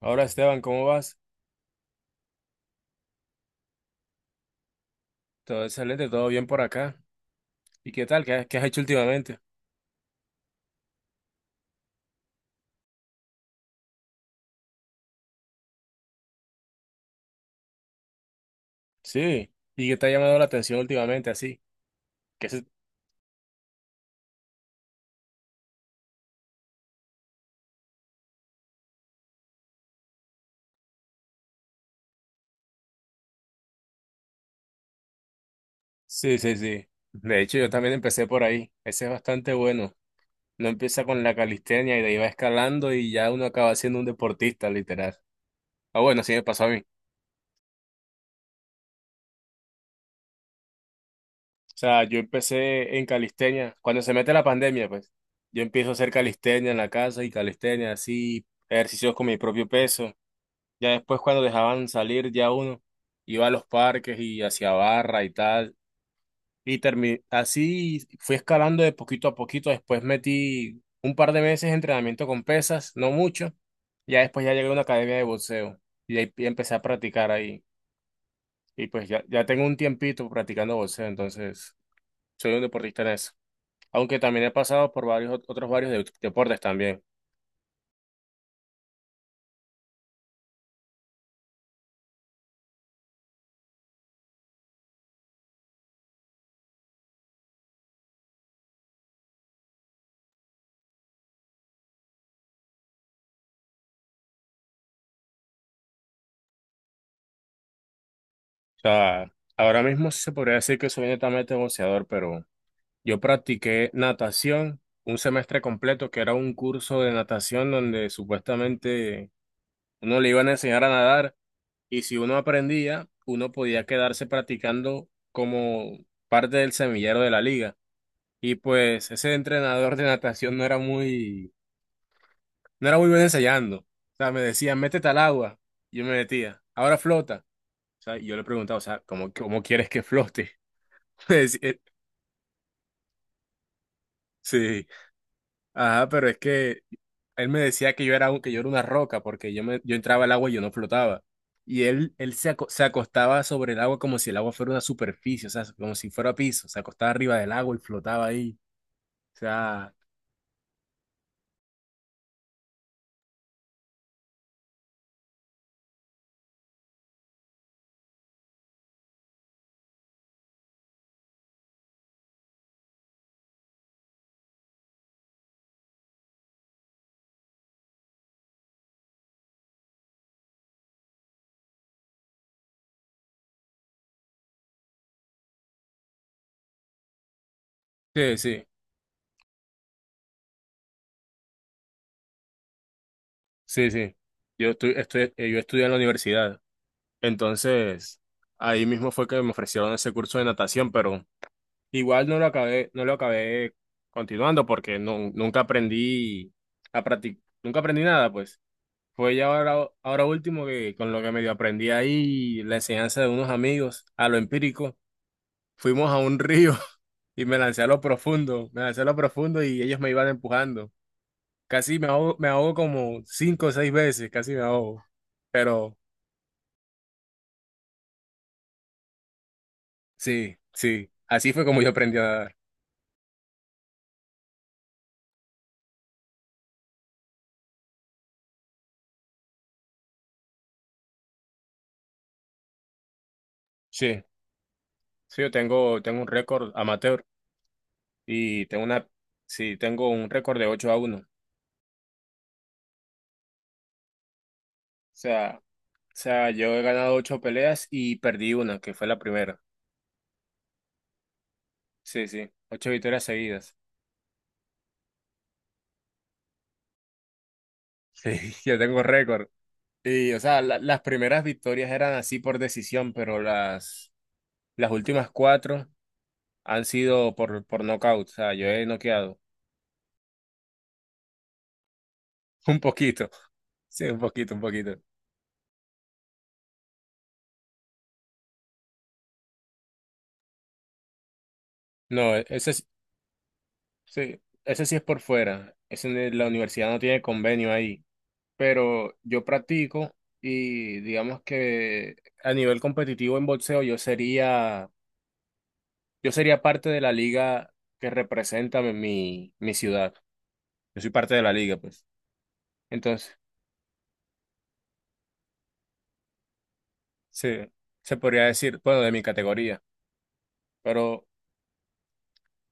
Ahora, Esteban, ¿cómo vas? Todo excelente, todo bien por acá. ¿Y qué tal? ¿¿Qué has hecho últimamente? Sí. ¿Y qué te ha llamado la atención últimamente así? ¿Qué se- Sí, sí, sí. De hecho, yo también empecé por ahí. Ese es bastante bueno. No empieza con la calistenia y de ahí va escalando y ya uno acaba siendo un deportista, literal. Ah, bueno, así me pasó a mí. O sea, yo empecé en calistenia. Cuando se mete la pandemia, pues, yo empiezo a hacer calistenia en la casa y calistenia así, ejercicios con mi propio peso. Ya después, cuando dejaban salir, ya uno iba a los parques y hacia barra y tal. Y así fui escalando de poquito a poquito. Después metí un par de meses de entrenamiento con pesas, no mucho. Ya después ya llegué a una academia de boxeo y ahí empecé a practicar ahí. Y pues ya, ya tengo un tiempito practicando boxeo, entonces soy un deportista en eso. Aunque también he pasado por varios otros varios deportes también. O sea, ahora mismo sí se podría decir que soy netamente boxeador, pero yo practiqué natación un semestre completo, que era un curso de natación donde supuestamente uno le iban a enseñar a nadar, y si uno aprendía, uno podía quedarse practicando como parte del semillero de la liga. Y pues ese entrenador de natación no era muy, no era muy bueno enseñando. O sea, me decía, métete al agua. Yo me metía, ahora flota. O sea, y yo le preguntaba, o sea, ¿cómo, cómo quieres que flote? Me decía, sí. Ajá, pero es que él me decía que yo era, que yo era una roca porque yo, me, yo entraba al agua y yo no flotaba. Y él, él se se acostaba sobre el agua como si el agua fuera una superficie, o sea, como si fuera piso. Se acostaba arriba del agua y flotaba ahí. O sea, sí, sí, sí, sí. Yo, yo estudié en la universidad. Entonces, ahí mismo fue que me ofrecieron ese curso de natación, pero igual no lo acabé, no lo acabé continuando porque no, nunca aprendí a practicar, nunca aprendí nada, pues. Fue ya ahora, ahora último que con lo que medio aprendí ahí, la enseñanza de unos amigos, a lo empírico, fuimos a un río y me lancé a lo profundo, me lancé a lo profundo y ellos me iban empujando. Casi me ahogo como cinco o seis veces, casi me ahogo. Pero sí, sí, así fue como yo aprendí a nadar. Sí, sí, yo tengo, tengo un récord amateur y tengo una, sí, tengo un récord de 8 a uno. O sea, yo he ganado ocho peleas y perdí una, que fue la primera. Sí, sí, ocho victorias seguidas. Sí, yo tengo récord. Y, o sea, las primeras victorias eran así por decisión, pero las últimas cuatro han sido por nocaut. O sea, yo he noqueado. Un poquito. Sí, un poquito, un poquito. No, ese sí, sí, ese sí es por fuera. Ese, la universidad no tiene convenio ahí. Pero yo practico y digamos que a nivel competitivo en boxeo yo sería, yo sería parte de la liga que representa mi, mi ciudad. Yo soy parte de la liga, pues. Entonces, sí, se podría decir, bueno, de mi categoría. Pero,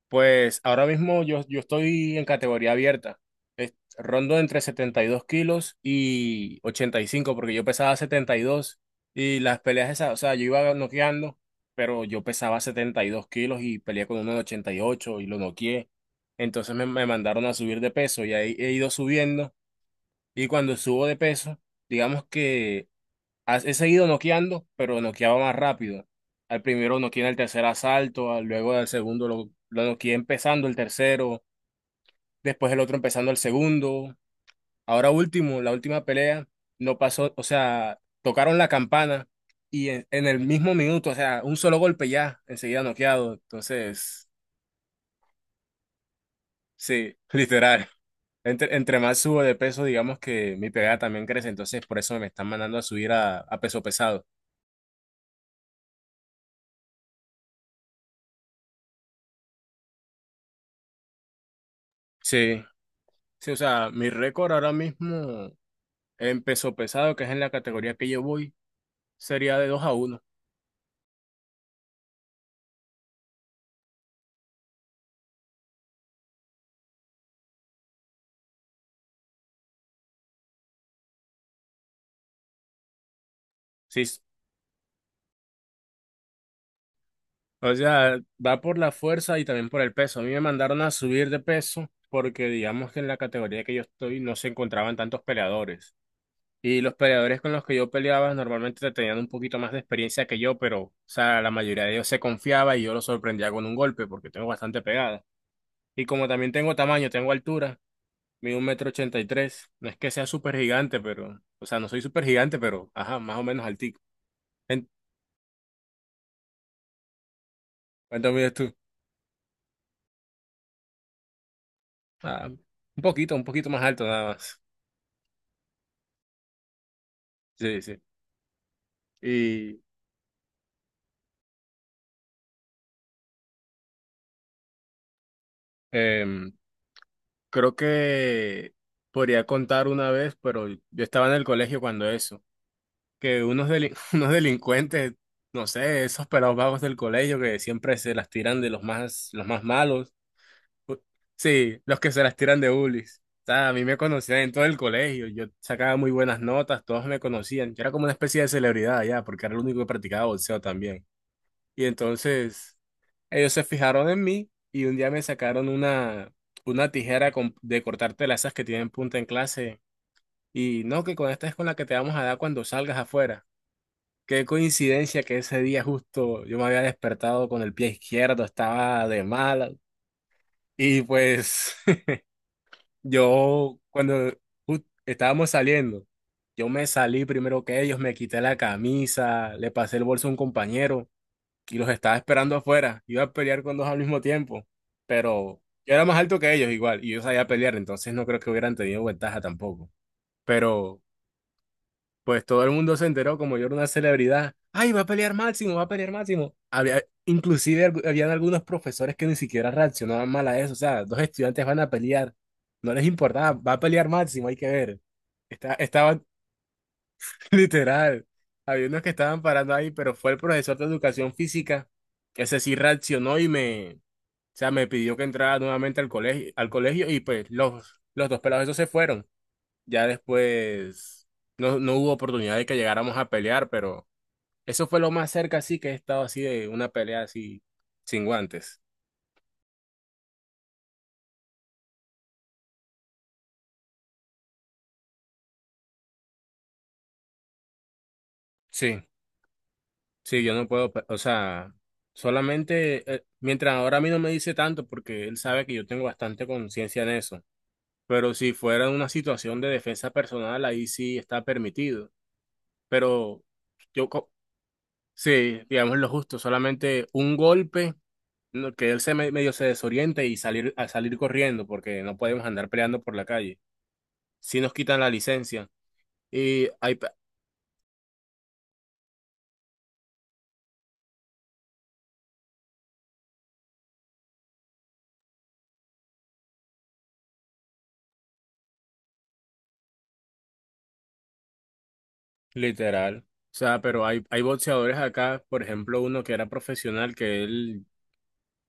pues, ahora mismo yo, yo estoy en categoría abierta. Rondo entre 72 kilos y ochenta y cinco, porque yo pesaba setenta y dos y las peleas esas, o sea, yo iba noqueando, pero yo pesaba 72 kilos y peleé con uno de 88 y ocho y lo noqueé. Entonces me mandaron a subir de peso y ahí he ido subiendo. Y cuando subo de peso, digamos que he seguido noqueando, pero noqueaba más rápido. Al primero noqueé en el tercer asalto, luego al segundo lo noqueé empezando el tercero, después el otro empezando el segundo. Ahora último, la última pelea, no pasó, o sea, tocaron la campana y en el mismo minuto, o sea, un solo golpe ya, enseguida noqueado. Entonces, sí, literal. Entre, entre más subo de peso, digamos que mi pegada también crece, entonces por eso me están mandando a subir a peso pesado. Sí, sí, o sea, mi récord ahora mismo en peso pesado, que es en la categoría que yo voy, sería de 2 a uno. Sí, o sea, va por la fuerza y también por el peso. A mí me mandaron a subir de peso porque digamos que en la categoría que yo estoy no se encontraban tantos peleadores. Y los peleadores con los que yo peleaba normalmente tenían un poquito más de experiencia que yo, pero, o sea, la mayoría de ellos se confiaba y yo los sorprendía con un golpe porque tengo bastante pegada. Y como también tengo tamaño, tengo altura, mido 1,83 m. No es que sea súper gigante, pero, o sea, no soy súper gigante, pero, ajá, más o menos altico. En- ¿Cuánto mides tú? Ah, un poquito más alto nada más. Sí, sí. Y em, creo que podría contar una vez, pero yo estaba en el colegio cuando eso. Que unos, unos delincuentes, no sé, esos pelados vagos del colegio que siempre se las tiran de los más malos. u- Sí, los que se las tiran de bullies. O sea, a mí me conocían en todo el colegio, yo sacaba muy buenas notas, todos me conocían. Yo era como una especie de celebridad ya, porque era el único que practicaba boxeo también. Y entonces ellos se fijaron en mí y un día me sacaron una tijera de cortar telas, esas que tienen punta, en clase. Y no, que con esta es con la que te vamos a dar cuando salgas afuera. Qué coincidencia que ese día justo yo me había despertado con el pie izquierdo, estaba de mala. Y pues yo cuando estábamos saliendo, yo me salí primero que ellos, me quité la camisa, le pasé el bolso a un compañero y los estaba esperando afuera. Iba a pelear con dos al mismo tiempo, pero yo era más alto que ellos igual y yo sabía pelear, entonces no creo que hubieran tenido ventaja tampoco. Pero pues todo el mundo se enteró, como yo era una celebridad. ¡Ay, va a pelear Máximo, va a pelear Máximo! Había, inclusive habían algunos profesores que ni siquiera reaccionaban mal a eso. O sea, dos estudiantes van a pelear. No les importaba, va a pelear Máximo, hay que ver. Estaban literal. Había unos que estaban parando ahí, pero fue el profesor de educación física. Ese sí reaccionó y me, o sea, me pidió que entrara nuevamente al colegio, al colegio, y pues los dos pelados esos se fueron. Ya después no, no hubo oportunidad de que llegáramos a pelear, pero eso fue lo más cerca así que he estado así de una pelea así sin guantes. Sí, sí, yo no puedo, o sea, solamente mientras ahora a mí no me dice tanto porque él sabe que yo tengo bastante conciencia en eso, pero si fuera una situación de defensa personal ahí sí está permitido, pero yo co- sí, digamos lo justo, solamente un golpe, no, que él medio se desoriente, y salir, a salir corriendo, porque no podemos andar peleando por la calle. Si nos quitan la licencia y hay pe- literal, o sea, pero hay boxeadores acá, por ejemplo, uno que era profesional que él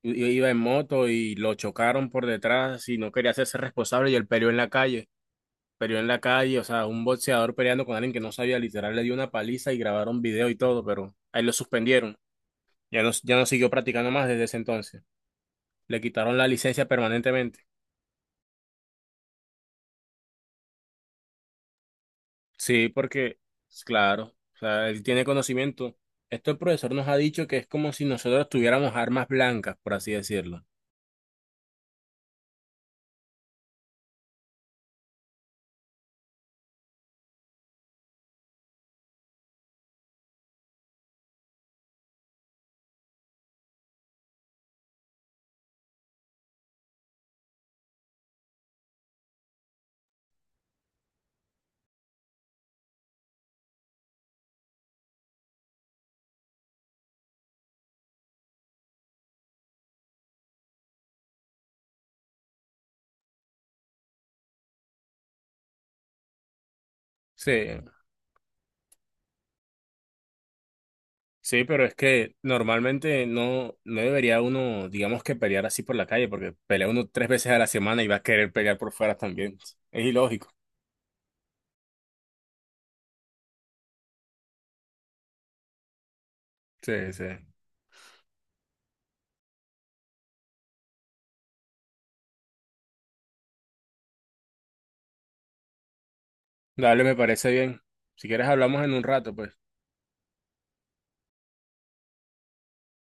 iba en moto y lo chocaron por detrás y no quería hacerse responsable y él peleó en la calle. Peleó en la calle, o sea, un boxeador peleando con alguien que no sabía, literal, le dio una paliza y grabaron video y todo, pero ahí lo suspendieron. Ya no, ya no siguió practicando más desde ese entonces. Le quitaron la licencia permanentemente. Sí, porque, pues, claro, o sea, él tiene conocimiento. Esto el profesor nos ha dicho que es como si nosotros tuviéramos armas blancas, por así decirlo. Sí, sí, pero es que normalmente no, no debería uno, digamos, que pelear así por la calle, porque pelea uno 3 veces a la semana y va a querer pelear por fuera también. Es ilógico. Sí, sí. Dale, me parece bien. Si quieres hablamos en un rato, pues.